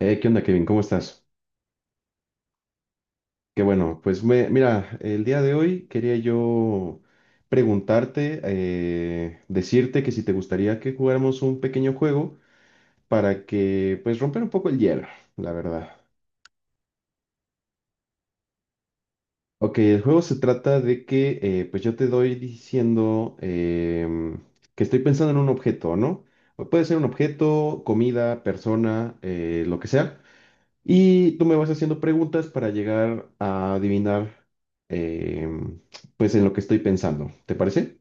¿Qué onda, Kevin? ¿Cómo estás? Qué bueno, pues mira, el día de hoy quería yo preguntarte, decirte que si te gustaría que jugáramos un pequeño juego para que, pues, romper un poco el hielo, la verdad. Ok, el juego se trata de que, pues, yo te doy diciendo que estoy pensando en un objeto, ¿no? O puede ser un objeto, comida, persona, lo que sea. Y tú me vas haciendo preguntas para llegar a adivinar, em, pues, en lo que estoy pensando. ¿Te parece?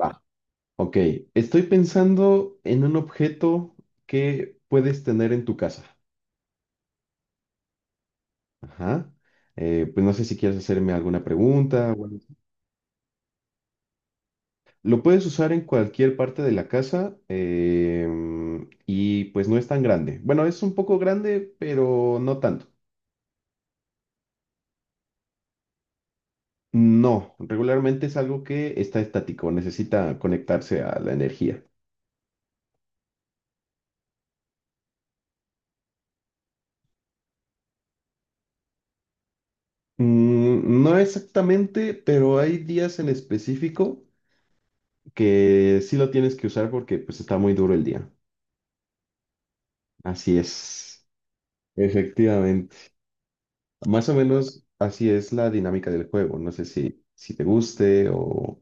Va. Ok, estoy pensando en un objeto que puedes tener en tu casa. Ajá. Pues no sé si quieres hacerme alguna pregunta, o algo así. Lo puedes usar en cualquier parte de la casa y pues no es tan grande. Bueno, es un poco grande, pero no tanto. No, regularmente es algo que está estático, necesita conectarse a la energía. Mm, no exactamente, pero hay días en específico que sí lo tienes que usar porque pues está muy duro el día. Así es, efectivamente. Más o menos así es la dinámica del juego. No sé si te guste o...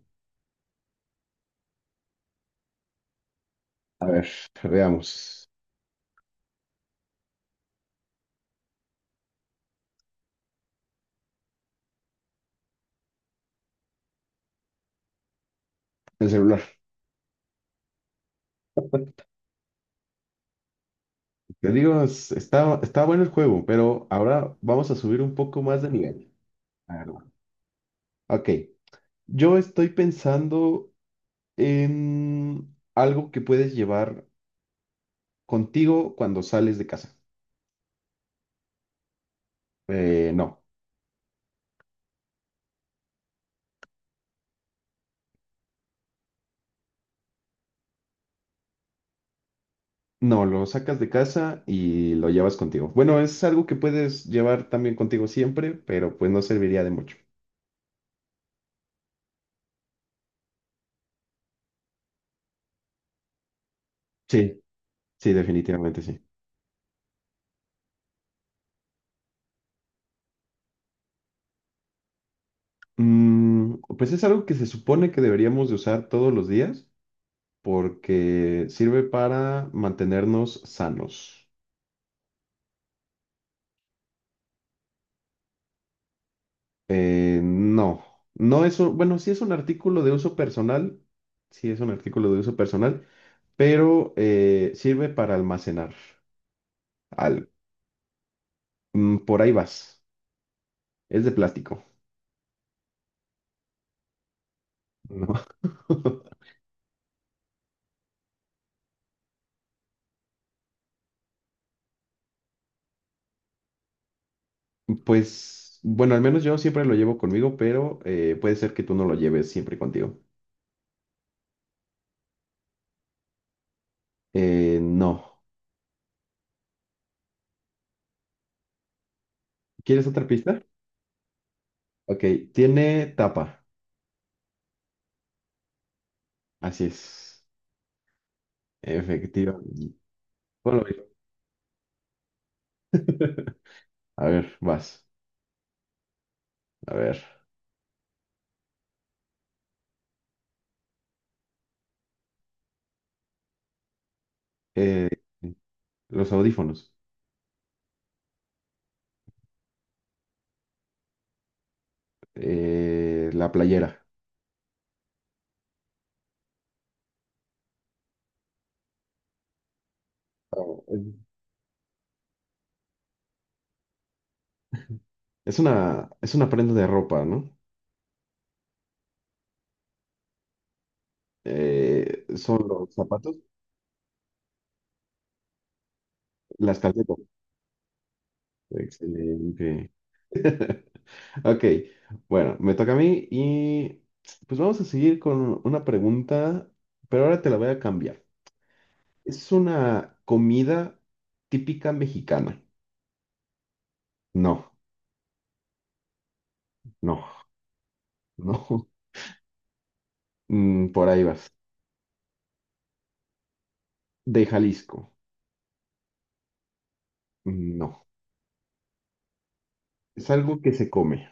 A ver, veamos. El celular. Te digo, está, está bueno el juego, pero ahora vamos a subir un poco más de nivel. A ver, va. Ok. Yo estoy pensando en algo que puedes llevar contigo cuando sales de casa. No, no, lo sacas de casa y lo llevas contigo. Bueno, es algo que puedes llevar también contigo siempre, pero pues no serviría de mucho. Sí, sí, definitivamente sí. Mm, pues es algo que se supone que deberíamos de usar todos los días porque sirve para mantenernos sanos. No, no es un, bueno, sí es un artículo de uso personal, sí es un artículo de uso personal, pero sirve para almacenar algo. Mm, por ahí vas, es de plástico. No. Pues, bueno, al menos yo siempre lo llevo conmigo, pero puede ser que tú no lo lleves siempre contigo. No. ¿Quieres otra pista? Ok, tiene tapa, así es, efectivamente. Ponlo ahí. A ver, vas, a ver. eh, Los audífonos. La playera. Ah, eh, es una prenda de ropa, ¿no? Son los zapatos, las calcetas. Excelente. Ok, bueno, me toca a mí y pues vamos a seguir con una pregunta, pero ahora te la voy a cambiar. ¿Es una comida típica mexicana? No, no, no. Mm, por ahí vas. ¿De Jalisco? No. Es algo que se come.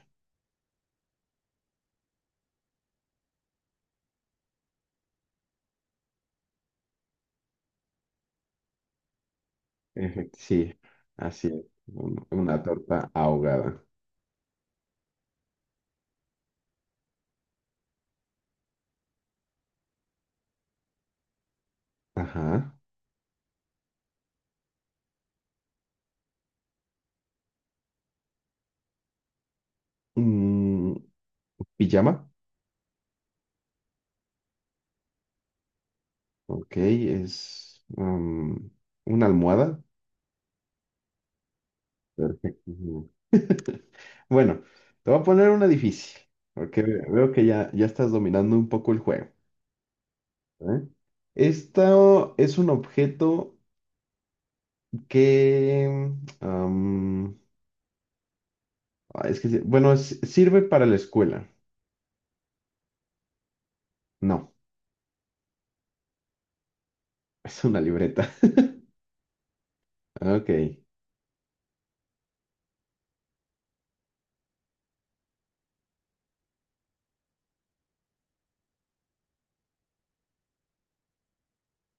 Sí, así es. Una torta ahogada. Ajá. Mm, pijama. Ok, es una almohada. Perfecto. Bueno, te voy a poner una difícil, porque veo que ya estás dominando un poco el juego. ¿Eh? Esto es un objeto que... um, ah, es que, bueno, sirve para la escuela. No, es una libreta. Ok,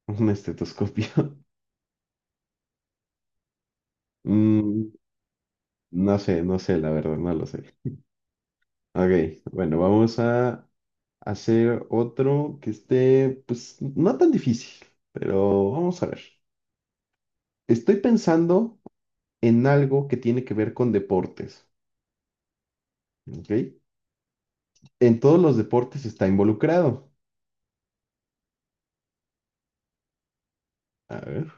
un estetoscopio. Mm, no sé, no sé, la verdad, no lo sé. Ok, bueno, vamos a hacer otro que esté, pues, no tan difícil, pero vamos a ver. Estoy pensando en algo que tiene que ver con deportes, ¿ok? En todos los deportes está involucrado. A ver.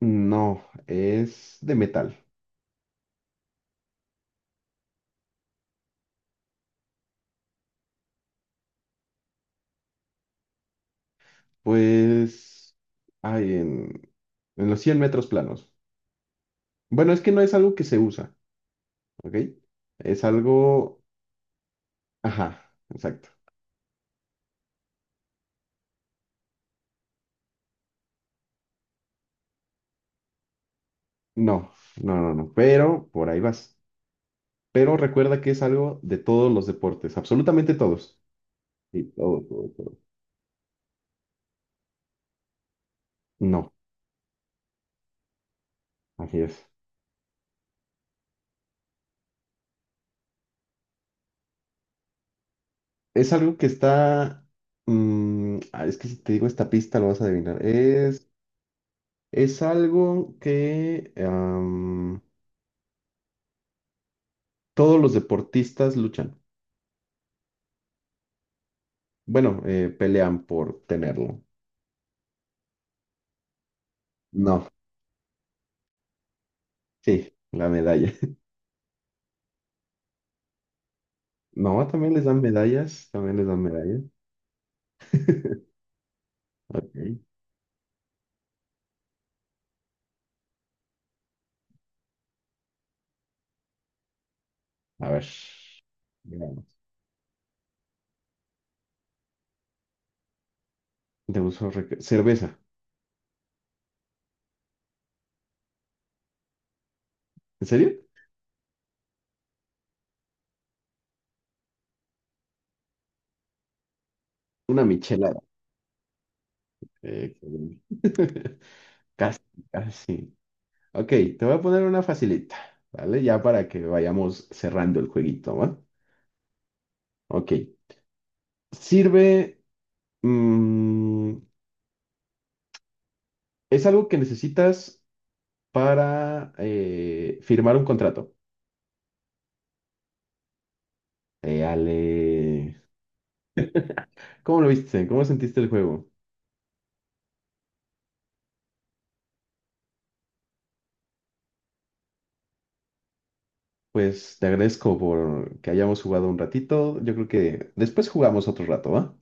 No, es de metal. Pues, ay, en los 100 metros planos. Bueno, es que no es algo que se usa, ¿ok? Es algo... Ajá, exacto. No, no, no, no, pero por ahí vas. Pero recuerda que es algo de todos los deportes, absolutamente todos. Sí, todo, todo, todo. No, así es. Es algo que está... mm, ah, es que si te digo esta pista lo vas a adivinar. Es algo que todos los deportistas luchan. Bueno, pelean por tenerlo. No, sí, la medalla. No, también les dan medallas, también les dan medallas. Ok, a ver. Cerveza. ¿En serio? Una michelada. Qué bueno. Casi, casi. Ok, te voy a poner una facilita, ¿vale? Ya para que vayamos cerrando el jueguito, ¿va? Ok. Sirve. Mm, es algo que necesitas para firmar un contrato. Ale. ¿Cómo lo viste? ¿Cómo sentiste el juego? Pues te agradezco por que hayamos jugado un ratito. Yo creo que después jugamos otro rato, ¿va?